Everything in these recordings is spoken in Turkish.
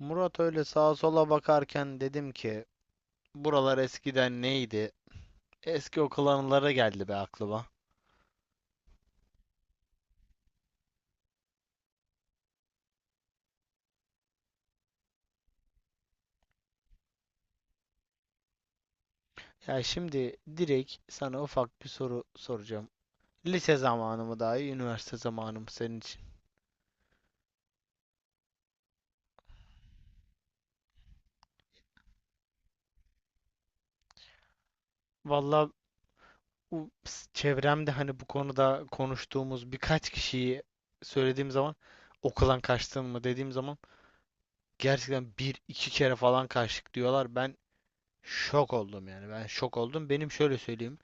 Murat öyle sağa sola bakarken dedim ki, buralar eskiden neydi? Eski okul anıları geldi be aklıma. Ya şimdi direkt sana ufak bir soru soracağım. Lise zamanı mı daha iyi, üniversite zamanı mı senin için? Valla, çevremde hani bu konuda konuştuğumuz birkaç kişiyi söylediğim zaman, okuldan kaçtın mı dediğim zaman, gerçekten bir iki kere falan kaçtık diyorlar. Ben şok oldum, yani ben şok oldum. Benim şöyle söyleyeyim.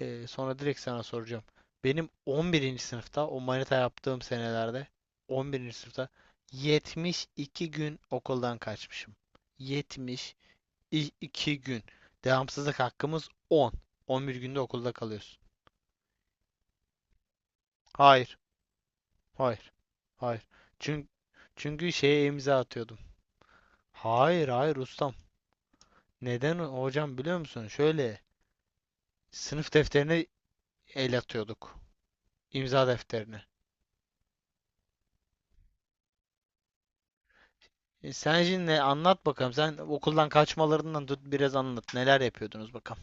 Sonra direkt sana soracağım. Benim 11. sınıfta o manita yaptığım senelerde, 11. sınıfta 72 gün okuldan kaçmışım. 72 gün. Devamsızlık hakkımız 10. 11 günde okulda kalıyorsun. Hayır. Hayır. Hayır. Çünkü çünkü şeye imza atıyordum. Hayır, hayır ustam. Neden hocam biliyor musun? Şöyle, sınıf defterine el atıyorduk. İmza defterine. E, sen şimdi anlat bakalım. Sen okuldan kaçmalarından tut biraz anlat. Neler yapıyordunuz bakalım.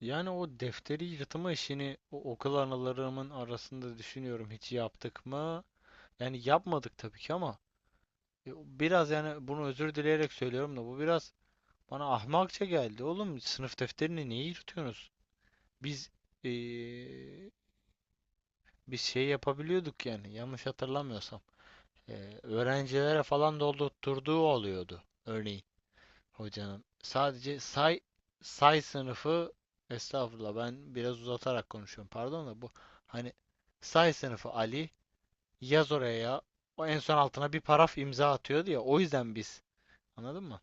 Yani o defteri yırtma işini, o okul anılarımın arasında düşünüyorum, hiç yaptık mı? Yani yapmadık tabii ki ama e, biraz yani bunu özür dileyerek söylüyorum da bu biraz bana ahmakça geldi. Oğlum, sınıf defterini niye yırtıyorsunuz? Biz e, biz şey yapabiliyorduk yani, yanlış hatırlamıyorsam. E, Öğrencilere falan doldurtturduğu oluyordu örneğin, hocanın. Sadece say sınıfı, estağfurullah ben biraz uzatarak konuşuyorum. Pardon da bu, hani, say sınıfı Ali, yaz oraya ya. O en son altına bir paraf imza atıyordu ya. O yüzden biz. Anladın mı?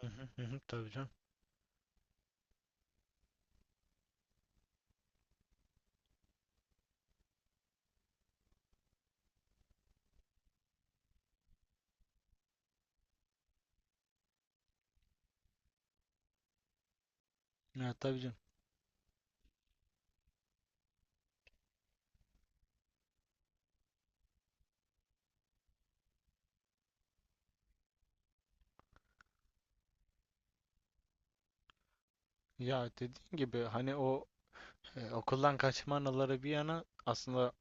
Hı hı hı hı, tabii canım. Ya tabii canım. Ya dediğin gibi, hani o okuldan kaçma anıları bir yana, aslında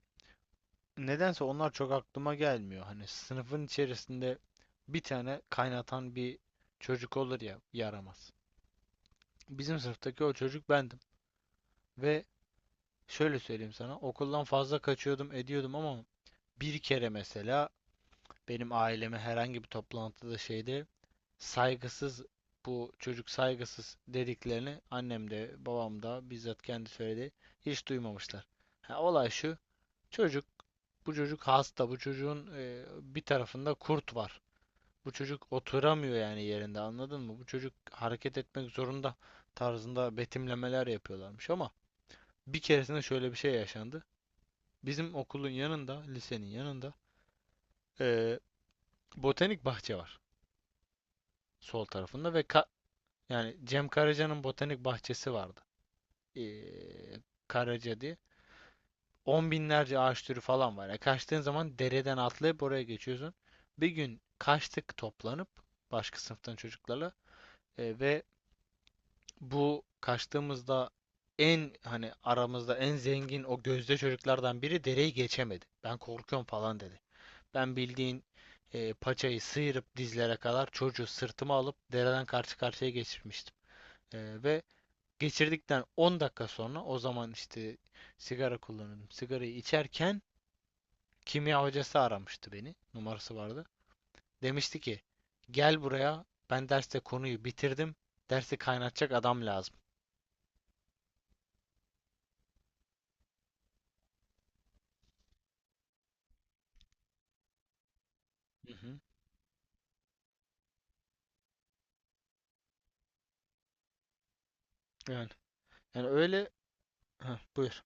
nedense onlar çok aklıma gelmiyor. Hani sınıfın içerisinde bir tane kaynatan bir çocuk olur ya, yaramaz. Bizim sınıftaki o çocuk bendim. Ve şöyle söyleyeyim sana, okuldan fazla kaçıyordum, ediyordum, ama bir kere mesela benim aileme herhangi bir toplantıda, şeyde, saygısız, bu çocuk saygısız dediklerini annem de babam da bizzat kendi söyledi. Hiç duymamışlar. Ha, olay şu. Çocuk, bu çocuk hasta. Bu çocuğun bir tarafında kurt var. Bu çocuk oturamıyor yani yerinde, anladın mı? Bu çocuk hareket etmek zorunda tarzında betimlemeler yapıyorlarmış ama bir keresinde şöyle bir şey yaşandı. Bizim okulun yanında, lisenin yanında, eee, botanik bahçe var sol tarafında, ve yani Cem Karaca'nın botanik bahçesi vardı. Eee, Karaca diye. On binlerce ağaç türü falan var. Ya kaçtığın zaman dereden atlayıp oraya geçiyorsun. Bir gün kaçtık toplanıp başka sınıftan çocuklarla, ve bu kaçtığımızda en, hani aramızda en zengin o gözde çocuklardan biri dereyi geçemedi. Ben korkuyorum falan dedi. Ben, bildiğin, paçayı sıyırıp dizlere kadar çocuğu sırtıma alıp dereden karşı karşıya geçirmiştim. Ve geçirdikten 10 dakika sonra, o zaman işte sigara kullanıyordum. Sigarayı içerken kimya hocası aramıştı beni. Numarası vardı. Demişti ki, gel buraya, ben derste konuyu bitirdim. Dersi kaynatacak adam lazım. Hı hı. Yani, yani öyle. Heh, buyur.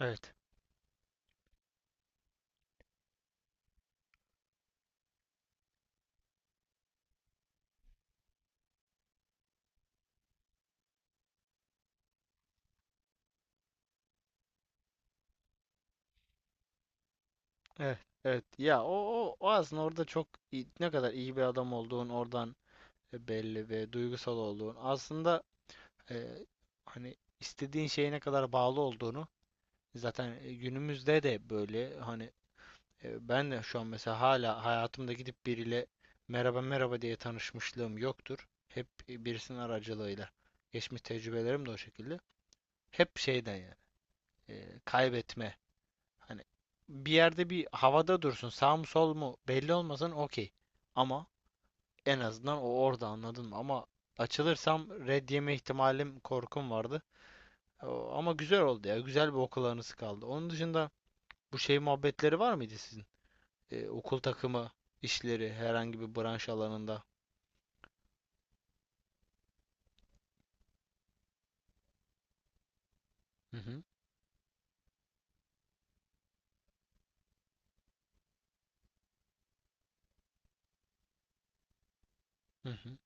Evet. Evet. Evet. Ya o aslında orada, ne kadar iyi bir adam olduğun oradan belli, ve duygusal olduğun aslında, e, hani istediğin şeye ne kadar bağlı olduğunu zaten, günümüzde de böyle, hani, ben de şu an mesela hala hayatımda gidip biriyle merhaba merhaba diye tanışmışlığım yoktur. Hep birisinin aracılığıyla. Geçmiş tecrübelerim de o şekilde. Hep şeyden yani, kaybetme. Hani, bir yerde bir havada dursun, sağ mı sol mu belli olmasın, okey. Ama en azından o orada, anladın mı? Ama açılırsam red yeme ihtimalim, korkum vardı. O- ama güzel oldu ya. Güzel bir okul anısı kaldı. Onun dışında bu şey muhabbetleri var mıydı sizin? Okul takımı işleri, herhangi bir branş alanında. Hı hı, hı hı,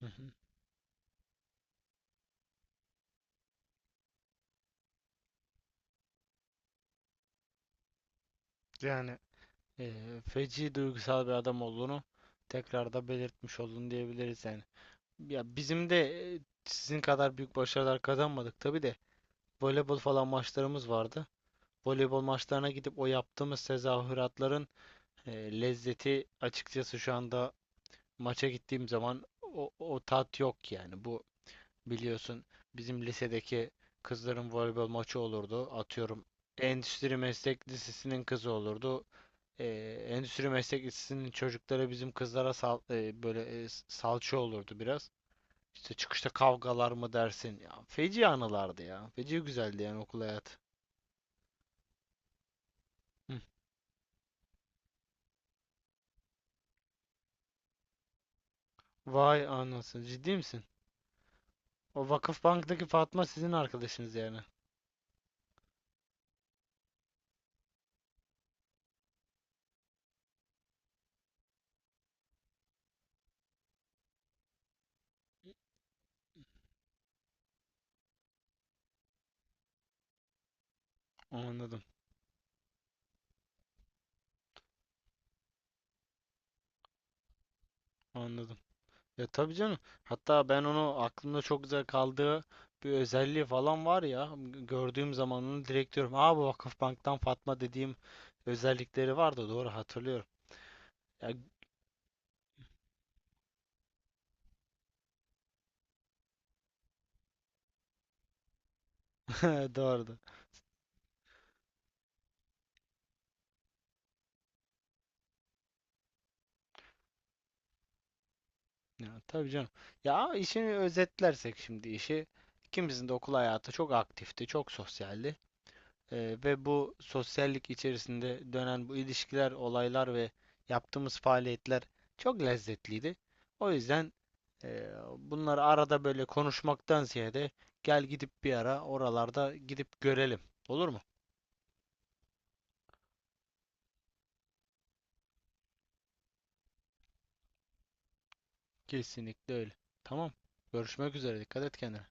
hı hı. Yani feci duygusal bir adam olduğunu tekrar da belirtmiş oldun diyebiliriz yani. Ya bizim de sizin kadar büyük başarılar kazanmadık tabii de, voleybol falan maçlarımız vardı. Voleybol maçlarına gidip o yaptığımız tezahüratların lezzeti, açıkçası şu anda maça gittiğim zaman o tat yok yani. Bu, biliyorsun, bizim lisedeki kızların voleybol maçı olurdu. Atıyorum, Endüstri Meslek Lisesi'nin kızı olurdu. E, Endüstri Meslek Lisesi'nin çocukları bizim kızlara böyle salça olurdu biraz. İşte çıkışta kavgalar mı dersin? Ya, feci anılardı ya. Feci güzeldi yani okul hayatı. Hı. Vay anasını. Ciddi misin? O Vakıfbank'taki Fatma sizin arkadaşınız yani. Anladım, anladım. Ya tabii canım. Hatta ben onu aklımda çok güzel kaldığı bir özelliği falan var ya. Gördüğüm zaman onu direkt diyorum. Aa, bu Vakıfbank'tan Fatma dediğim özellikleri vardı. Doğru hatırlıyorum. Ya doğrudu. Ya tabii canım. Ya işini özetlersek şimdi, işi, ikimizin de okul hayatı çok aktifti, çok sosyaldi. Ve bu sosyallik içerisinde dönen bu ilişkiler, olaylar ve yaptığımız faaliyetler çok lezzetliydi. O yüzden e, bunları arada böyle konuşmaktan ziyade, gel gidip bir ara oralarda gidip görelim. Olur mu? Kesinlikle öyle. Tamam. Görüşmek üzere. Dikkat et kendine.